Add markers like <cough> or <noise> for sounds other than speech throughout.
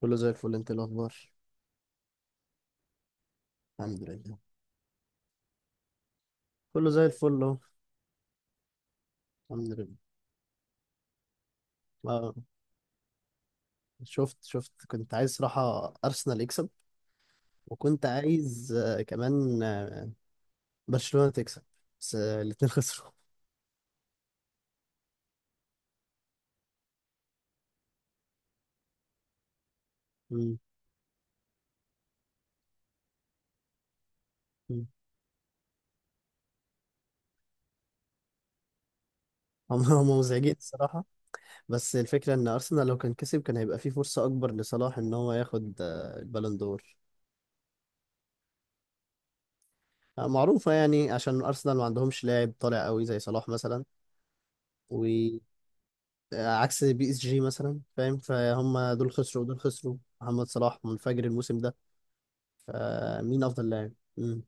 كله زي الفل، انت ايه الاخبار؟ الحمد لله، كله زي الفل اهو. الحمد لله. آه، شفت كنت عايز صراحة ارسنال يكسب. وكنت عايز كمان برشلونة تكسب. بس الاتنين <laughs> خسروا. مم. مم. هم مزعجين الصراحة. بس الفكرة ان ارسنال لو كان كسب كان هيبقى فيه فرصة اكبر لصلاح ان هو ياخد البالون دور. معروفة يعني، عشان ارسنال ما عندهمش لاعب طالع قوي زي صلاح مثلا. و عكس PSG مثلا، فاهم. فهم دول خسروا، ودول خسروا، محمد صلاح منفجر الموسم ده. فمين افضل لاعب؟ مم.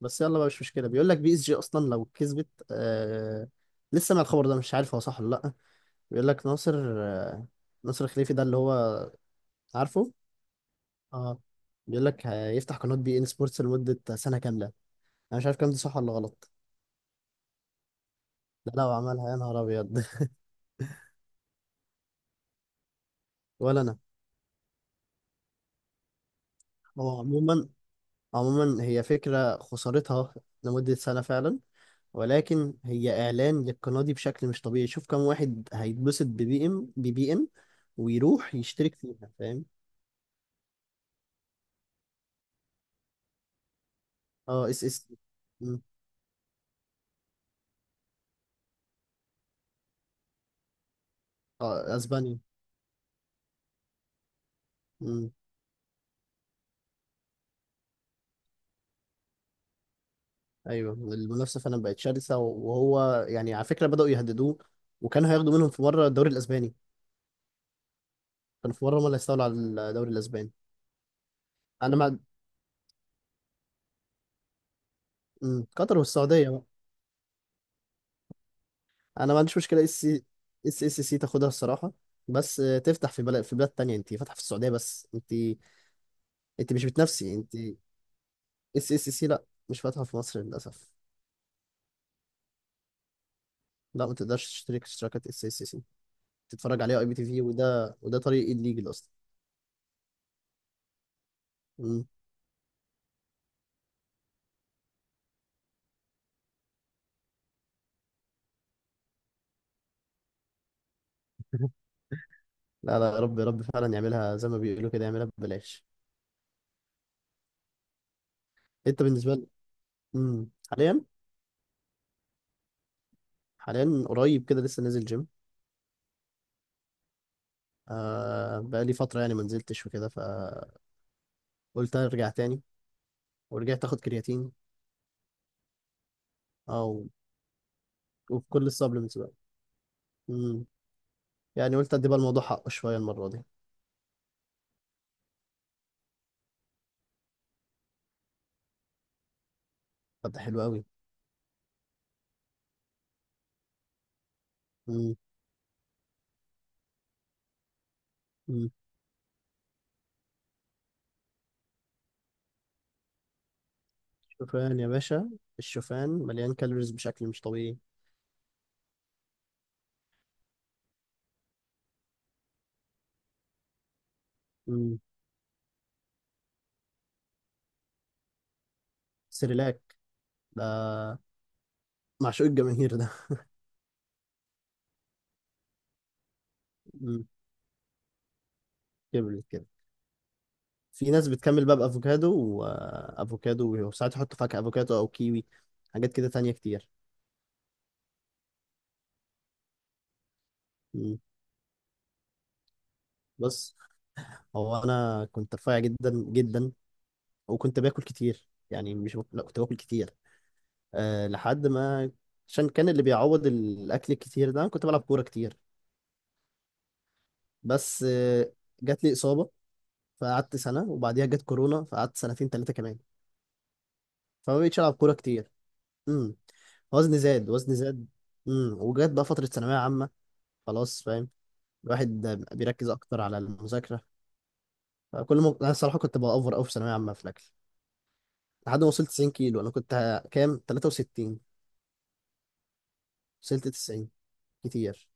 بس يلا بقى، مش مشكله. بيقول لك بي اس جي اصلا لو كسبت. لسه مع الخبر ده مش عارف هو صح ولا لا. بيقول لك ناصر، ناصر خليفي، ده اللي هو... عارفه؟ اه. بيقول لك هيفتح قناه beIN Sports لمده سنه كامله. انا مش عارف كام دي صح ولا غلط. ده لو عملها يا نهار ابيض! <laughs> ولا انا. هو عموما، عموما هي فكرة خسارتها لمدة سنة فعلا، ولكن هي إعلان للقناة دي بشكل مش طبيعي. شوف كم واحد هيتبسط ببي ام ببي ام ويروح يشترك فيها، فاهم. اه، اس اس... مم. اه، اسبانيا. مم. ايوه، المنافسة فعلا بقت شرسة، وهو يعني على فكرة بدأوا يهددوه. وكانوا هياخدوا منهم في مرة الدوري الأسباني. كانوا في مرة هم اللي هيستولوا على الدوري الأسباني. أنا مع... مم. قطر والسعودية بقى. انا ما عنديش مشكله، اس... SSC تاخدها الصراحه. بس تفتح في بلاد تانية. انت فاتحه في السعوديه بس، انت... انت مش بتنافسي، انت... اس اس سي، لا، مش فاتحه في مصر للاسف. لا، ما تقدرش تشترك اشتراكات اس اس سي. تتفرج عليها IPTV، وده طريق الليجل اصلا. مم. <laughs> لا لا، يا رب يا رب فعلا يعملها زي ما بيقولوا كده، يعملها ببلاش. انت بالنسبه لي... مم. حاليا، حاليا قريب كده لسه نازل جيم. بقى لي فتره يعني ما نزلتش وكده، فقلت ارجع تاني. ورجعت اخد كرياتين. اه، وفي كل السبلمنتس بقى. امم يعني قلت ادي بقى الموضوع حقه شويه المره دي. طب ده حلو قوي. امم امم شوفان يا باشا. الشوفان مليان كالوريز بشكل مش طبيعي. امم سيريلاك. ده، معشوق الجماهير ده. امم كبرت كده. في ناس بتكمل بقى بافوكادو وافوكادو، وساعات يحطوا فاكهه، افوكادو او كيوي. حاجات كده تانية كتير. امم بص، هو انا كنت رفيع جدا جدا، وكنت باكل كتير يعني، مش بك... لا كنت باكل كتير لحد ما... عشان كان اللي بيعوض الاكل الكتير ده أنا كنت بلعب كوره كتير. بس، جات لي اصابه. فقعدت سنه، وبعديها جت كورونا فقعدت سنتين ثلاثه كمان. فما بقتش العب كوره كتير. امم وزني زاد، وزني زاد. وجت بقى فتره ثانويه عامه. خلاص، فاهم. الواحد بيركز اكتر على المذاكره. فكل ما انا الصراحه كنت باوفر قوي في ثانويه عامه في الاكل. لحد ما وصلت 90 كيلو، انا كنت كام، 63. وصلت 90. كتير.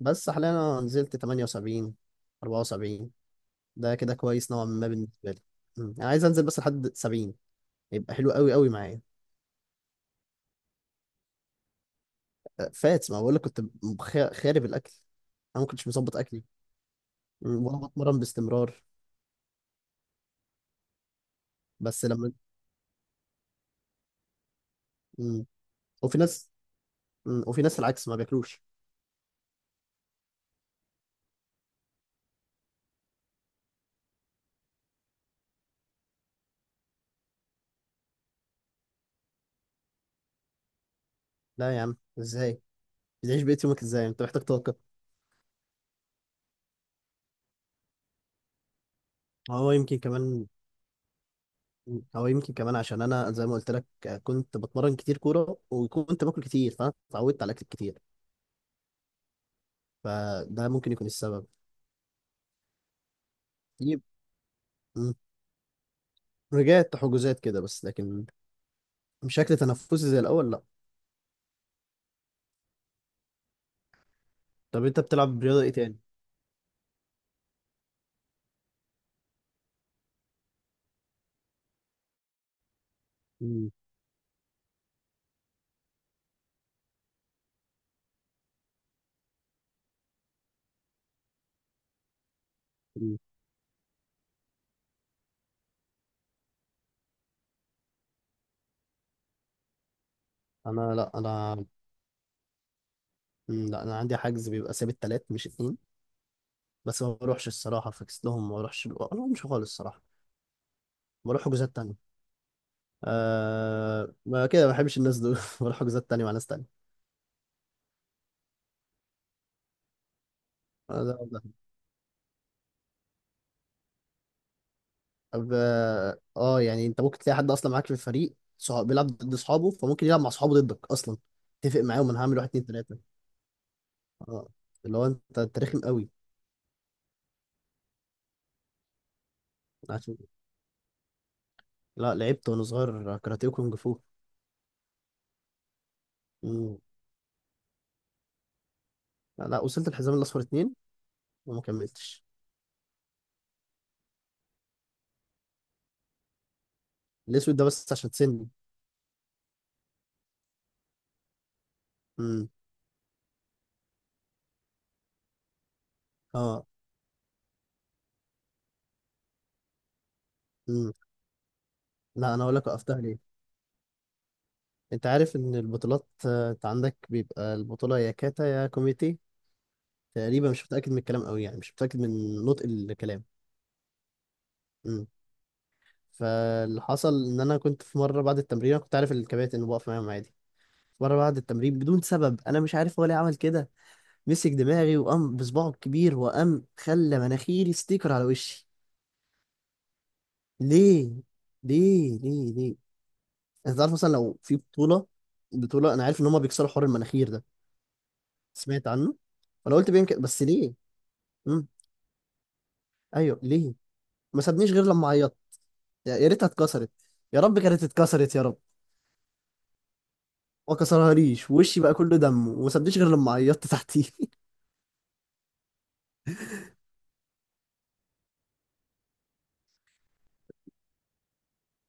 بس حاليا انا نزلت 78، 74. ده كده كويس نوعا ما بالنسبه لي. مم. انا عايز انزل بس لحد 70، هيبقى حلو قوي قوي معايا. فات ما بقول لك، كنت خارب الاكل. انا ما كنتش مظبط اكلي، ولا بتمرن باستمرار. بس لما... مم. وفي ناس... مم. وفي ناس العكس ما بياكلوش. لا يا عم، ازاي بتعيش بقية يومك؟ ازاي؟ انت محتاج طاقه. هو يمكن كمان، هو يمكن كمان عشان انا زي ما قلت لك، كنت بتمرن كتير كوره وكنت باكل كتير، فانا اتعودت على الاكل كتير. فده ممكن يكون السبب. يب- مم. رجعت حجوزات كده، بس لكن بشكل تنافسي زي الاول، لا. طب انت بتلعب رياضه ايه تاني؟ مم. مم. انا... لا، انا عندي حجز بيبقى ثابت تلات مش اتنين. بس ما بروحش الصراحه، فاكس لهم، ما بروحش خالص الصراحه. بروح حجوزات تانية. ما كده، ما بحبش الناس دول. <laughs> بروح حجوزات تانية مع ناس تانية. أنا طب اه، يعني انت ممكن تلاقي حد اصلا معاك في الفريق صحاب بيلعب ضد اصحابه، فممكن يلعب مع اصحابه ضدك اصلا. اتفق معاهم انا هعمل واحد اتنين تلاته. اه، اللي هو انت رخم قوي. عشان... لا، لعبت وانا صغير كاراتيه وكونج فو. مم. لا، وصلت الحزام الاصفر اتنين. وما كملتش. الاسود ده بس عشان سني. امم اه. امم لا انا اقول لك وقفتها ليه. انت عارف ان البطولات، انت عندك بيبقى البطوله يا كاتا يا كوميتي. تقريبا مش متاكد من الكلام قوي، يعني مش متاكد من نطق الكلام. امم فاللي حصل ان انا كنت في مره بعد التمرين، أنا كنت عارف الكباتن انه بقف معاهم عادي. مره بعد التمرين بدون سبب، انا مش عارف هو ليه عمل كده. مسك دماغي وقام بصباعه الكبير وقام خلى مناخيري ستيكر على وشي. ليه؟ ليه ليه ليه؟ انت عارف مثلا لو في بطولة، بطولة، انا عارف ان هما بيكسروا حوار المناخير ده. سمعت عنه. فانا قلت بيمكن، بس ليه؟ امم ايوه ليه؟ ما سابنيش غير لما عيطت. يا ريتها اتكسرت. يا رب كانت اتكسرت، يا رب. ما كسرهاليش، وشي بقى كله دم، وما سابنيش غير لما عيطت تحتيه.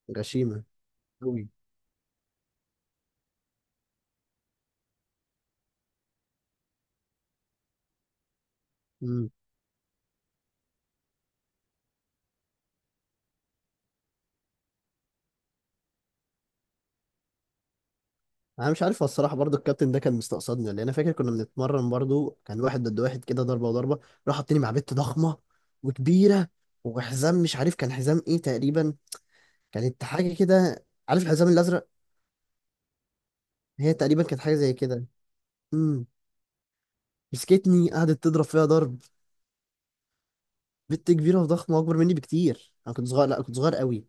<laughs> غشيمة قوي. انا مش عارف هو الصراحه برضو الكابتن ده كان مستقصدني ولا إيه. انا فاكر كنا بنتمرن برضو، كان واحد ضد واحد كده، ضربه وضربه. راح حاطيني مع بنت ضخمه وكبيره. وحزام مش عارف كان حزام ايه تقريبا، كانت حاجه كده، عارف الحزام الازرق؟ هي تقريبا كانت حاجه زي كده. امم مسكتني، قعدت تضرب فيها ضرب. بنت كبيره وضخمه اكبر مني بكتير، انا كنت صغير، لا كنت صغير قوي.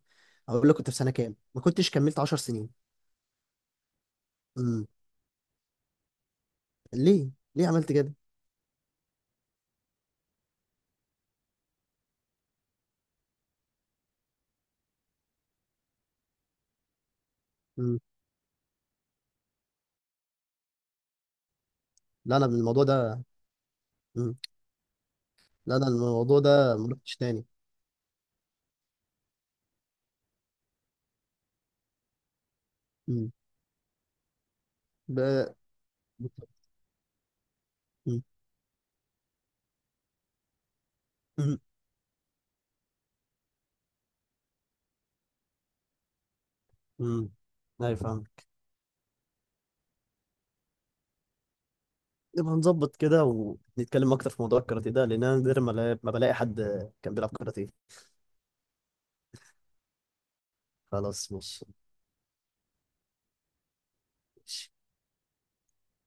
اقول لك كنت في سنه كام، ما كنتش كملت 10 سنين. امم ليه؟ ليه عملت كده؟ امم لا انا الموضوع ده... امم لا انا الموضوع ده ما رحتش تاني. امم ب... م- م- م. ايوه، فاهم. نبقى نظبط كده ونتكلم اكتر في موضوع الكاراتيه ده، لان انا نادر ما ما بلاقي حد كان بيلعب كاراتيه. خلاص، ماشي. ماشي.